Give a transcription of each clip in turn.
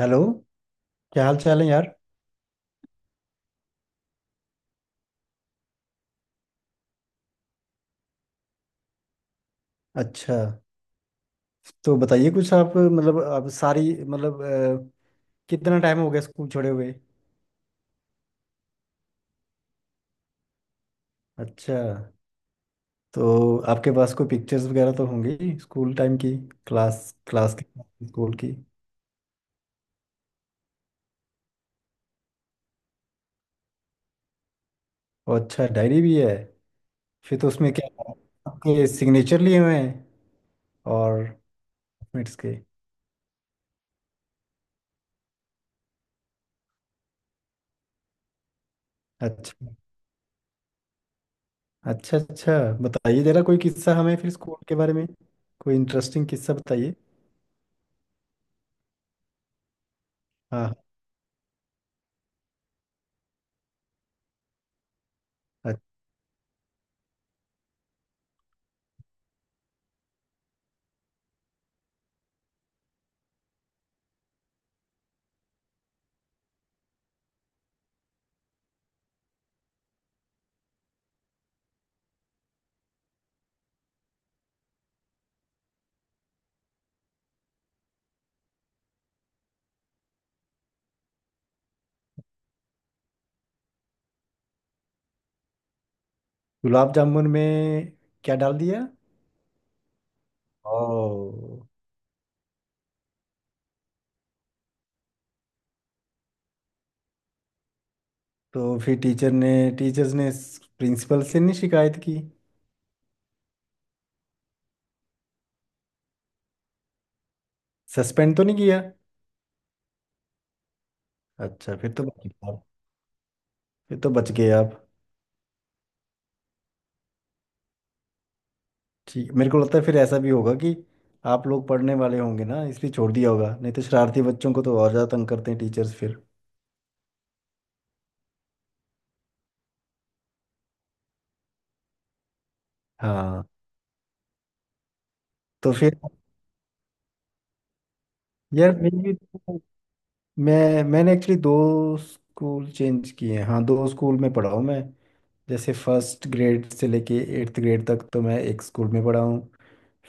Hello. क्या हाल चाल है यार। अच्छा, तो बताइए कुछ। आप मतलब आप सारी मतलब कितना टाइम हो गया स्कूल छोड़े हुए। अच्छा, तो आपके पास कोई पिक्चर्स वगैरह तो होंगी स्कूल टाइम की, क्लास, क्लास की, स्कूल की। और अच्छा, डायरी भी है? फिर तो उसमें क्या आपके सिग्नेचर लिए हुए हैं और मिनट्स के? अच्छा, अच्छा, अच्छा। बताइए जरा कोई किस्सा हमें फिर स्कूल के बारे में। कोई इंटरेस्टिंग किस्सा बताइए। हाँ। हाँ, गुलाब जामुन में क्या डाल दिया? ओ। तो फिर टीचर्स ने प्रिंसिपल से नहीं शिकायत की? सस्पेंड तो नहीं किया? अच्छा, फिर तो बच गया, फिर तो बच गए आप। ठीक, मेरे को लगता है फिर ऐसा भी होगा कि आप लोग पढ़ने वाले होंगे ना, इसलिए छोड़ दिया होगा। नहीं तो शरारती बच्चों को तो और ज़्यादा तंग करते हैं टीचर्स फिर। हाँ। तो फिर यार, मैं भी मैंने एक्चुअली दो स्कूल चेंज किए हैं। हाँ, दो स्कूल में पढ़ा हूँ मैं। जैसे फर्स्ट ग्रेड से लेके एट्थ ग्रेड तक तो मैं एक स्कूल में पढ़ा हूँ।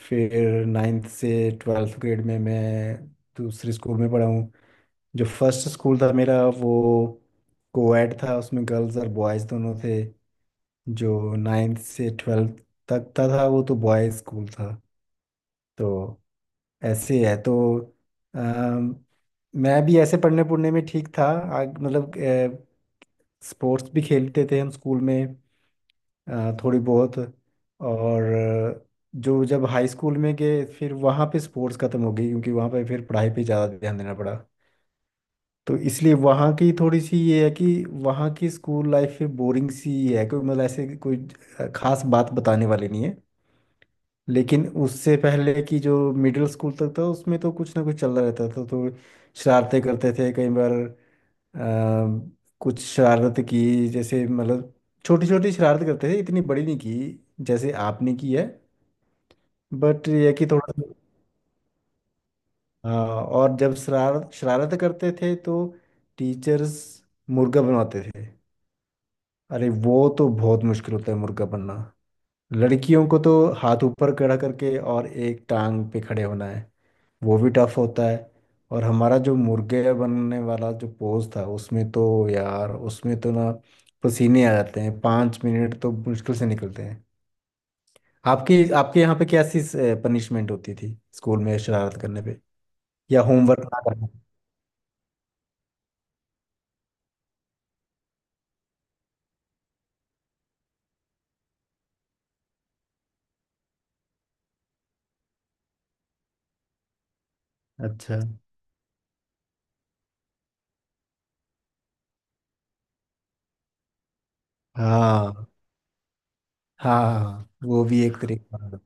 फिर नाइन्थ से ट्वेल्थ ग्रेड में मैं दूसरे स्कूल में पढ़ा हूँ। जो फर्स्ट स्कूल था मेरा, वो कोएड था, उसमें गर्ल्स और बॉयज़ दोनों थे। जो नाइन्थ से ट्वेल्थ तक का था वो तो बॉयज़ स्कूल था। तो ऐसे है। तो अम, मैं भी ऐसे पढ़ने पढ़ने में ठीक था। मतलब स्पोर्ट्स भी खेलते थे हम स्कूल में थोड़ी बहुत। और जो जब हाई स्कूल में गए फिर वहाँ पे स्पोर्ट्स ख़त्म हो गई, क्योंकि वहाँ पे फिर पढ़ाई पे ज़्यादा ध्यान देना पड़ा। तो इसलिए वहाँ की थोड़ी सी ये है कि वहाँ की स्कूल लाइफ बोरिंग सी है। कोई मतलब ऐसे कोई खास बात बताने वाली नहीं है। लेकिन उससे पहले की जो मिडिल स्कूल तक था उसमें तो कुछ ना कुछ चल रहा रहता था। तो शरारतें करते थे कई बार। कुछ शरारत की जैसे मतलब, छोटी छोटी शरारत करते थे, इतनी बड़ी नहीं की जैसे आपने की है। बट ये है कि थोड़ा सा हाँ, और जब शरारत शरारत करते थे तो टीचर्स मुर्गा बनवाते थे। अरे वो तो बहुत मुश्किल होता है मुर्गा बनना, लड़कियों को तो। हाथ ऊपर खड़ा करके और एक टांग पे खड़े होना है, वो भी टफ होता है। और हमारा जो मुर्गे बनने वाला जो पोज था उसमें तो यार, उसमें तो ना पसीने आ जाते हैं, पाँच मिनट तो मुश्किल से निकलते हैं। आपकी आपके यहाँ पे कैसी पनिशमेंट होती थी स्कूल में शरारत करने पे, या होमवर्क ना करना। अच्छा। हाँ, हाँ वो भी एक तरीका है।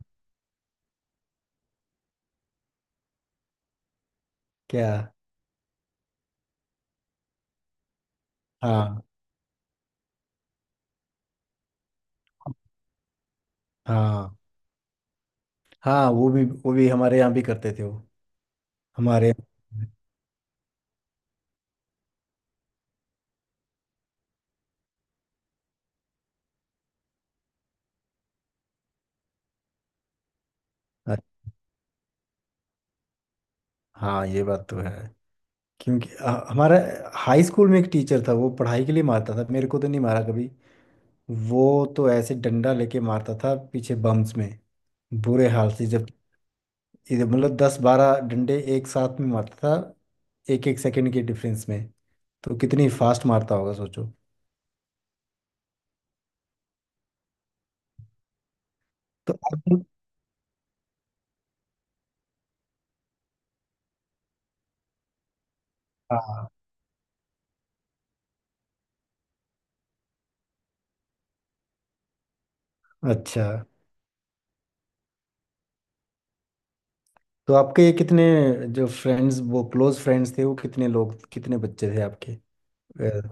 क्या? हाँ, हाँ हाँ वो भी, वो भी हमारे यहाँ भी करते थे वो। हमारे, हाँ ये बात तो है। क्योंकि हमारा हाई स्कूल में एक टीचर था, वो पढ़ाई के लिए मारता था। मेरे को तो नहीं मारा कभी वो, तो ऐसे डंडा लेके मारता था पीछे बम्स में, बुरे हाल से। जब इधर मतलब दस बारह डंडे एक साथ में मारता था, एक एक सेकंड के डिफरेंस में। तो कितनी फास्ट मारता होगा सोचो। तो आप, हाँ। अच्छा, तो आपके कितने जो फ्रेंड्स, वो क्लोज फ्रेंड्स थे, वो कितने लोग, कितने बच्चे थे आपके? अ,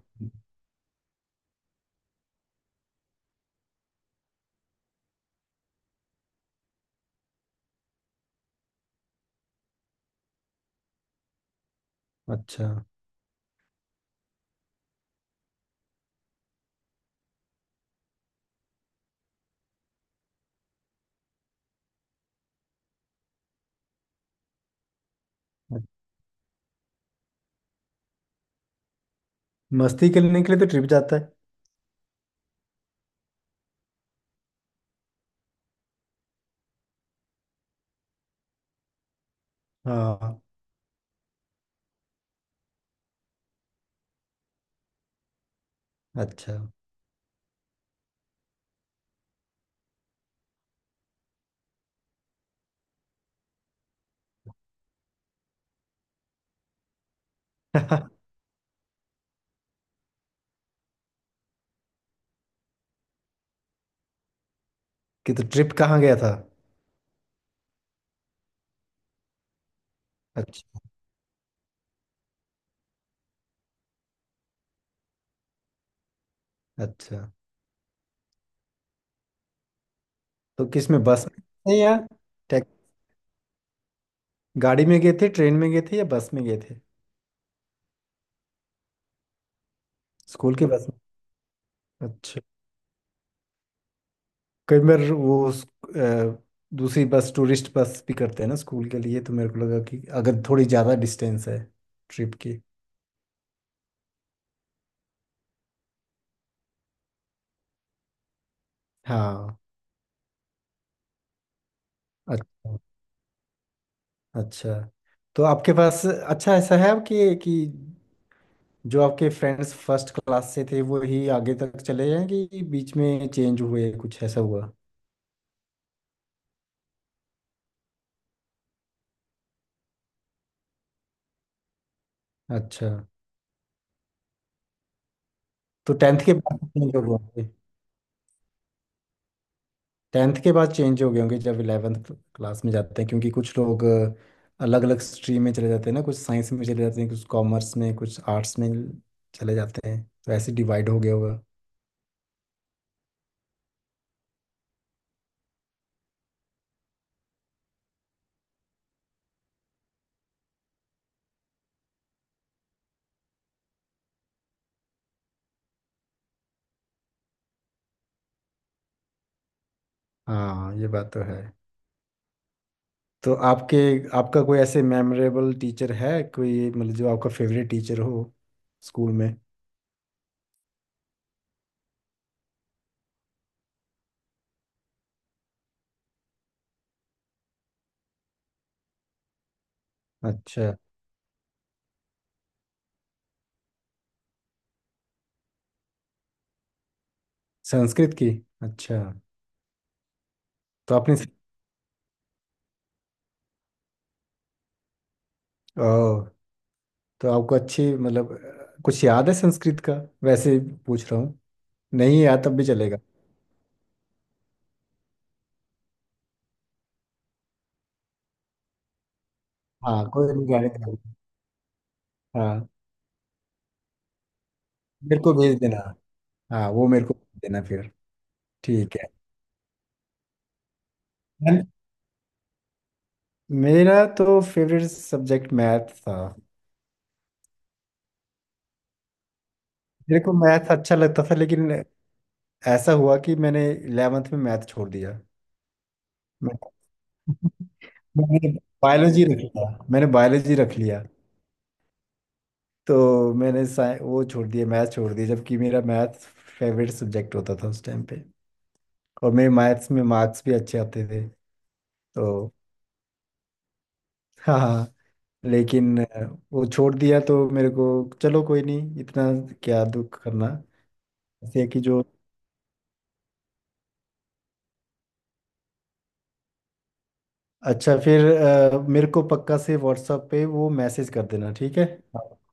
अच्छा, मस्ती करने के लिए तो ट्रिप जाता है। हाँ, अच्छा। कि तो ट्रिप कहाँ गया था? अच्छा, अच्छा। तो किस में, बस में थे या टैक- गाड़ी में गए थे, ट्रेन में गए थे, या बस में गए थे? स्कूल की बस में, अच्छा। कई बार वो अ, दूसरी बस, टूरिस्ट बस भी करते हैं ना स्कूल के लिए, तो मेरे को लगा कि अगर थोड़ी ज़्यादा डिस्टेंस है ट्रिप की। हाँ, अच्छा, अच्छा। तो आपके पास अच्छा, ऐसा है कि जो आपके फ्रेंड्स फर्स्ट क्लास से थे वो ही आगे तक चले हैं, कि बीच में चेंज हुए, कुछ ऐसा हुआ? अच्छा, तो टेंथ के बाद चेंज हो गए होंगे। टेंथ के बाद चेंज हो गए होंगे जब इलेवेंथ क्लास में जाते हैं, क्योंकि कुछ लोग अलग अलग स्ट्रीम में चले जाते हैं ना। कुछ साइंस में चले जाते हैं, कुछ कॉमर्स में, कुछ आर्ट्स में चले जाते हैं, तो ऐसे डिवाइड हो गया होगा। हाँ ये बात तो है। तो आपके, आपका कोई ऐसे मेमोरेबल टीचर है कोई, मतलब जो आपका फेवरेट टीचर हो स्कूल में? अच्छा, संस्कृत की, अच्छा। तो आपने, ओह, तो आपको अच्छी मतलब कुछ याद है संस्कृत का? वैसे ही पूछ रहा हूँ, नहीं याद तब भी चलेगा। हाँ। कोई नहीं गाने का। हाँ, मेरे को भेज देना। हाँ वो मेरे को भेज देना फिर। ठीक है। And मेरा तो फेवरेट सब्जेक्ट मैथ था। मेरे को मैथ अच्छा लगता था, लेकिन ऐसा हुआ कि मैंने इलेवेंथ में मैथ छोड़ दिया। मैं- मैंने बायोलॉजी रख लिया, मैंने बायोलॉजी रख लिया। तो मैंने वो छोड़ दिया, मैथ छोड़ दिया, जबकि मेरा मैथ फेवरेट सब्जेक्ट होता था उस टाइम पे। और मेरे मैथ्स में मार्क्स भी अच्छे आते थे। तो हाँ, हाँ। लेकिन वो छोड़ दिया तो मेरे को, चलो कोई नहीं, इतना क्या दुख करना। ऐसे है कि जो अच्छा, फिर मेरे को पक्का से व्हाट्सएप पे वो मैसेज कर देना, ठीक है।